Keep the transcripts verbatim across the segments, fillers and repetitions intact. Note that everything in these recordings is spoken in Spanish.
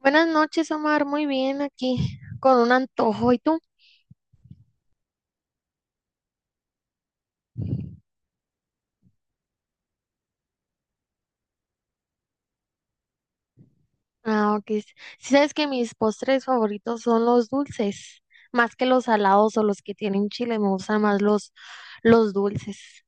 Buenas noches, Omar. Muy bien aquí, con un antojo. ¿Y tú? Ah, ok. S- Sí, sabes que mis postres favoritos son los dulces, más que los salados o los que tienen chile. Me gustan más los, los dulces.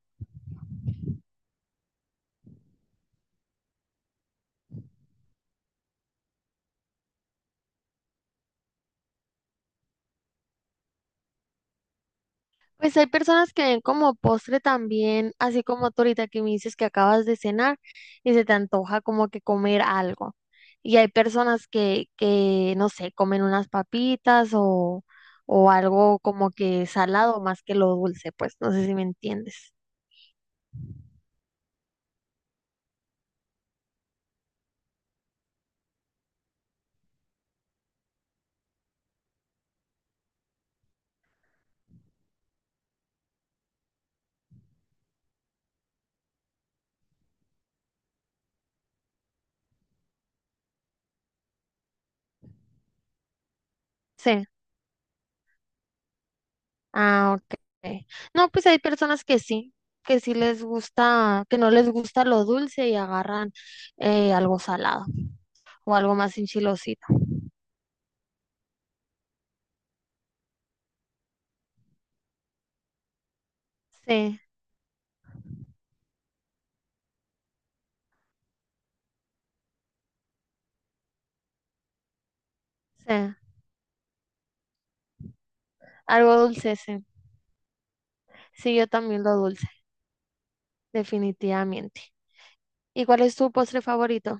Pues hay personas que ven como postre también, así como tú ahorita que me dices que acabas de cenar y se te antoja como que comer algo. Y hay personas que, que no sé, comen unas papitas o, o algo como que salado más que lo dulce, pues no sé si me entiendes. Sí, ah, ok. No, pues hay personas que sí, que sí les gusta, que no les gusta lo dulce y agarran eh, algo salado o algo más enchilosito. Sí, sí, algo dulce, sí. Sí, yo también lo dulce, definitivamente. ¿Y cuál es tu postre favorito?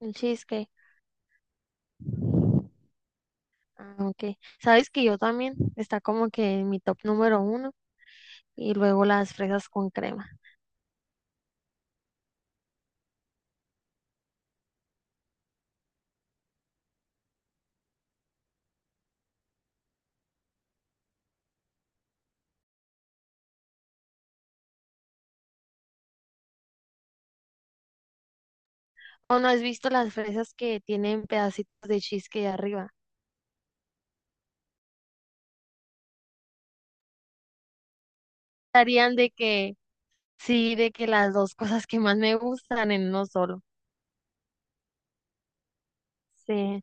El cheesecake. Ah, ok. Sabes que yo también está como que en mi top número uno y luego las fresas con crema. ¿O no has visto las fresas que tienen pedacitos de cheesecake arriba? Estarían de que, sí, de que las dos cosas que más me gustan en uno solo. Sí,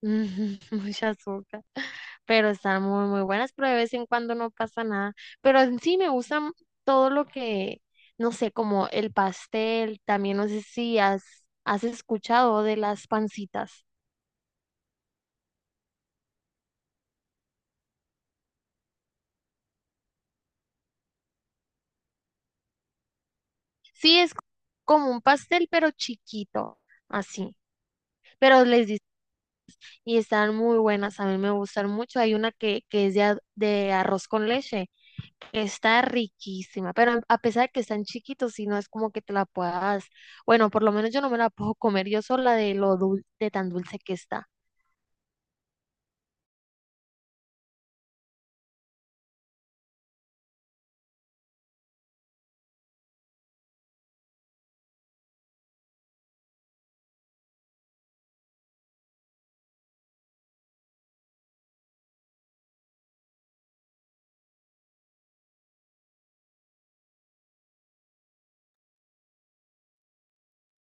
ujú, mucha azúcar. Pero están muy, muy buenas, pero de vez en cuando no pasa nada. Pero en sí me gustan todo lo que, no sé, como el pastel, también no sé si has, has escuchado de las pancitas. Sí, es como un pastel, pero chiquito, así. Pero les di- y están muy buenas, a mí me gustan mucho. Hay una que, que es de, a- de arroz con leche. Está riquísima, pero a pesar de que están chiquitos, si no es como que te la puedas, bueno, por lo menos yo no me la puedo comer yo sola de lo dul- de tan dulce que está.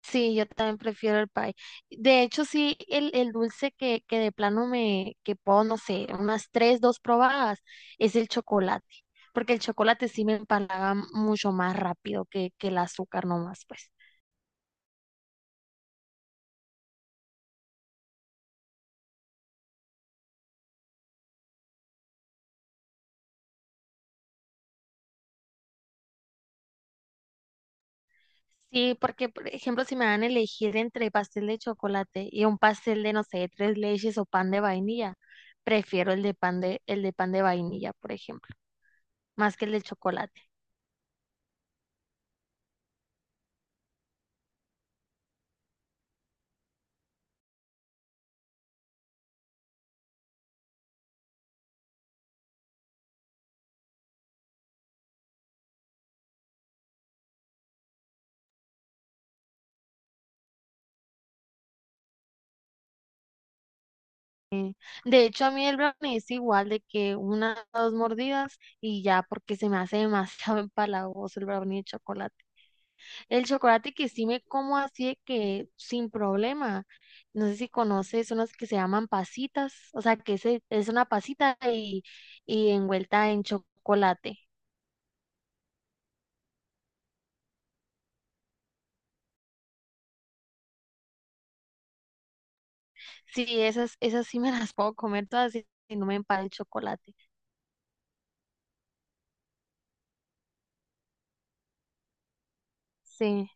Sí, yo también prefiero el pie. De hecho, sí, el, el dulce que, que de plano me, que puedo, no sé, unas tres, dos probadas, es el chocolate, porque el chocolate sí me empalaga mucho más rápido que, que el azúcar nomás, pues. Sí, porque, por ejemplo, si me dan a elegir entre pastel de chocolate y un pastel de, no sé, tres leches o pan de vainilla, prefiero el de pan de, el de pan de vainilla, por ejemplo, más que el de chocolate. De hecho, a mí el brownie es igual de que una o dos mordidas y ya, porque se me hace demasiado empalagoso el brownie de chocolate. El chocolate que sí me como así de que sin problema. No sé si conoces unos que se llaman pasitas, o sea, que ese es una pasita y, y envuelta en chocolate. Sí, esas, esas sí me las puedo comer todas y y no me empal el chocolate. Sí,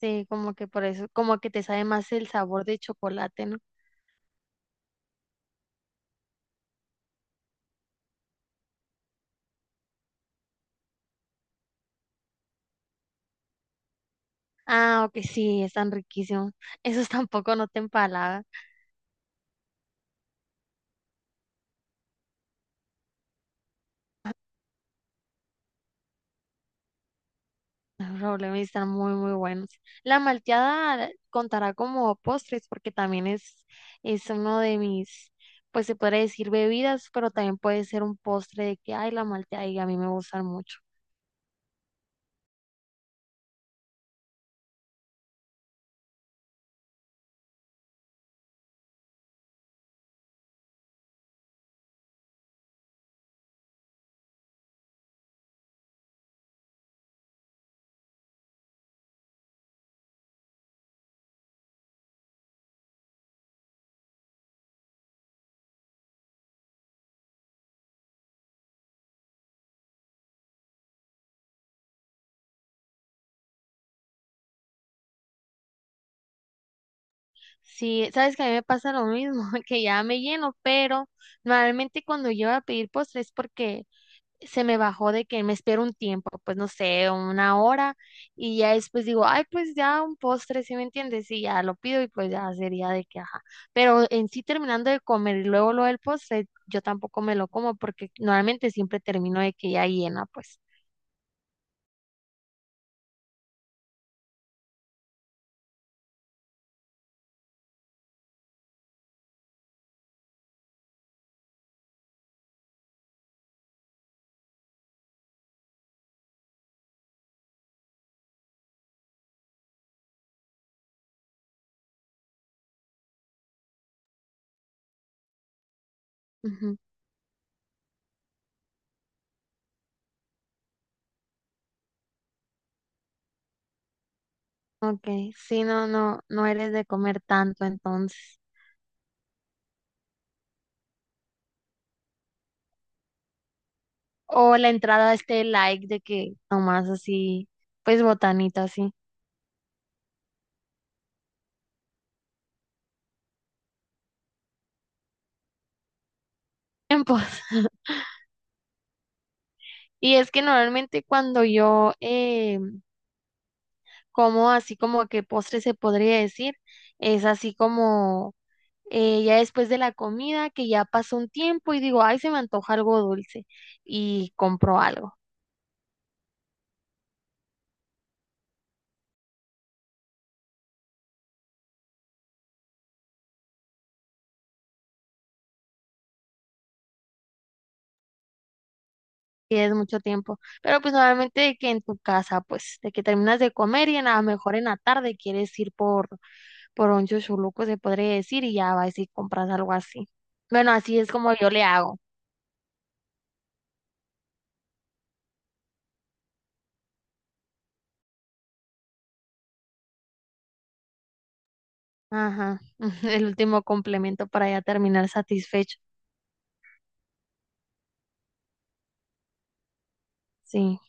sí, como que por eso, como que te sabe más el sabor de chocolate, ¿no? Ah, ok, sí, están riquísimos. Esos tampoco no te empalagan. Los problemas están muy, muy buenos. La malteada contará como postres porque también es, es uno de mis, pues se podría decir bebidas, pero también puede ser un postre de que, ay, la malteada y a mí me gustan mucho. Sí, sabes que a mí me pasa lo mismo, que ya me lleno, pero normalmente cuando yo voy a pedir postres es porque se me bajó de que me espero un tiempo, pues no sé, una hora, y ya después digo, ay, pues ya un postre, ¿sí me entiendes? Y ya lo pido y pues ya sería de que, ajá. Pero en sí terminando de comer y luego lo del postre, yo tampoco me lo como porque normalmente siempre termino de que ya llena, pues. Ujú. Ok, sí, no, no, no eres de comer tanto entonces. O la entrada, este like de que nomás así, pues botanita así. Tiempos. Y es que normalmente cuando yo eh, como así como que postre se podría decir, es así como eh, ya después de la comida que ya pasó un tiempo y digo, ay, se me antoja algo dulce y compro algo. Y es mucho tiempo. Pero pues normalmente de que en tu casa, pues de que terminas de comer y en- a lo mejor en la tarde quieres ir por, por un chuchuluco, se podría decir, y ya vas y compras algo así. Bueno, así es como yo le hago. Ajá, el último complemento para ya terminar satisfecho. Sí.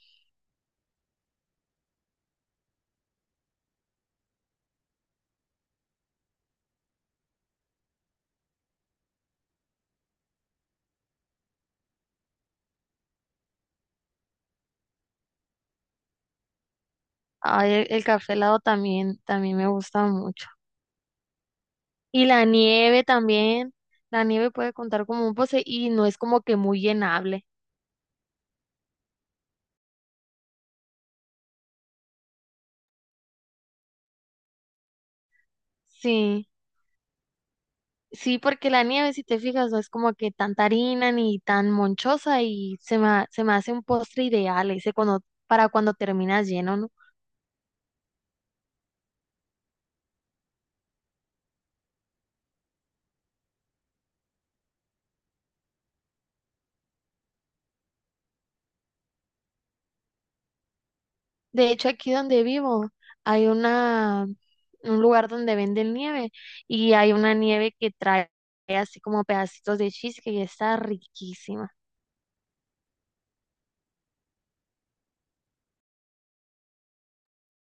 Ay, el, el café helado también, también me gusta mucho. Y la nieve también. La nieve puede contar como un postre y no es como que muy llenable. Sí, sí, porque la nieve, si te fijas, no es como que tan harina ni tan monchosa y se me, ha- se me hace un postre ideal ese cuando, para cuando terminas lleno, ¿no? De hecho, aquí donde vivo hay una, un lugar donde venden nieve y hay una nieve que trae así como pedacitos de cheesecake y está riquísima.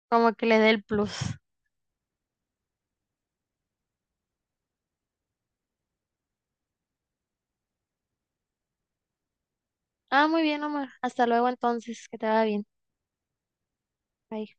Como que le dé el plus. Ah, muy bien, Omar. Hasta luego entonces, que te vaya bien. Bye.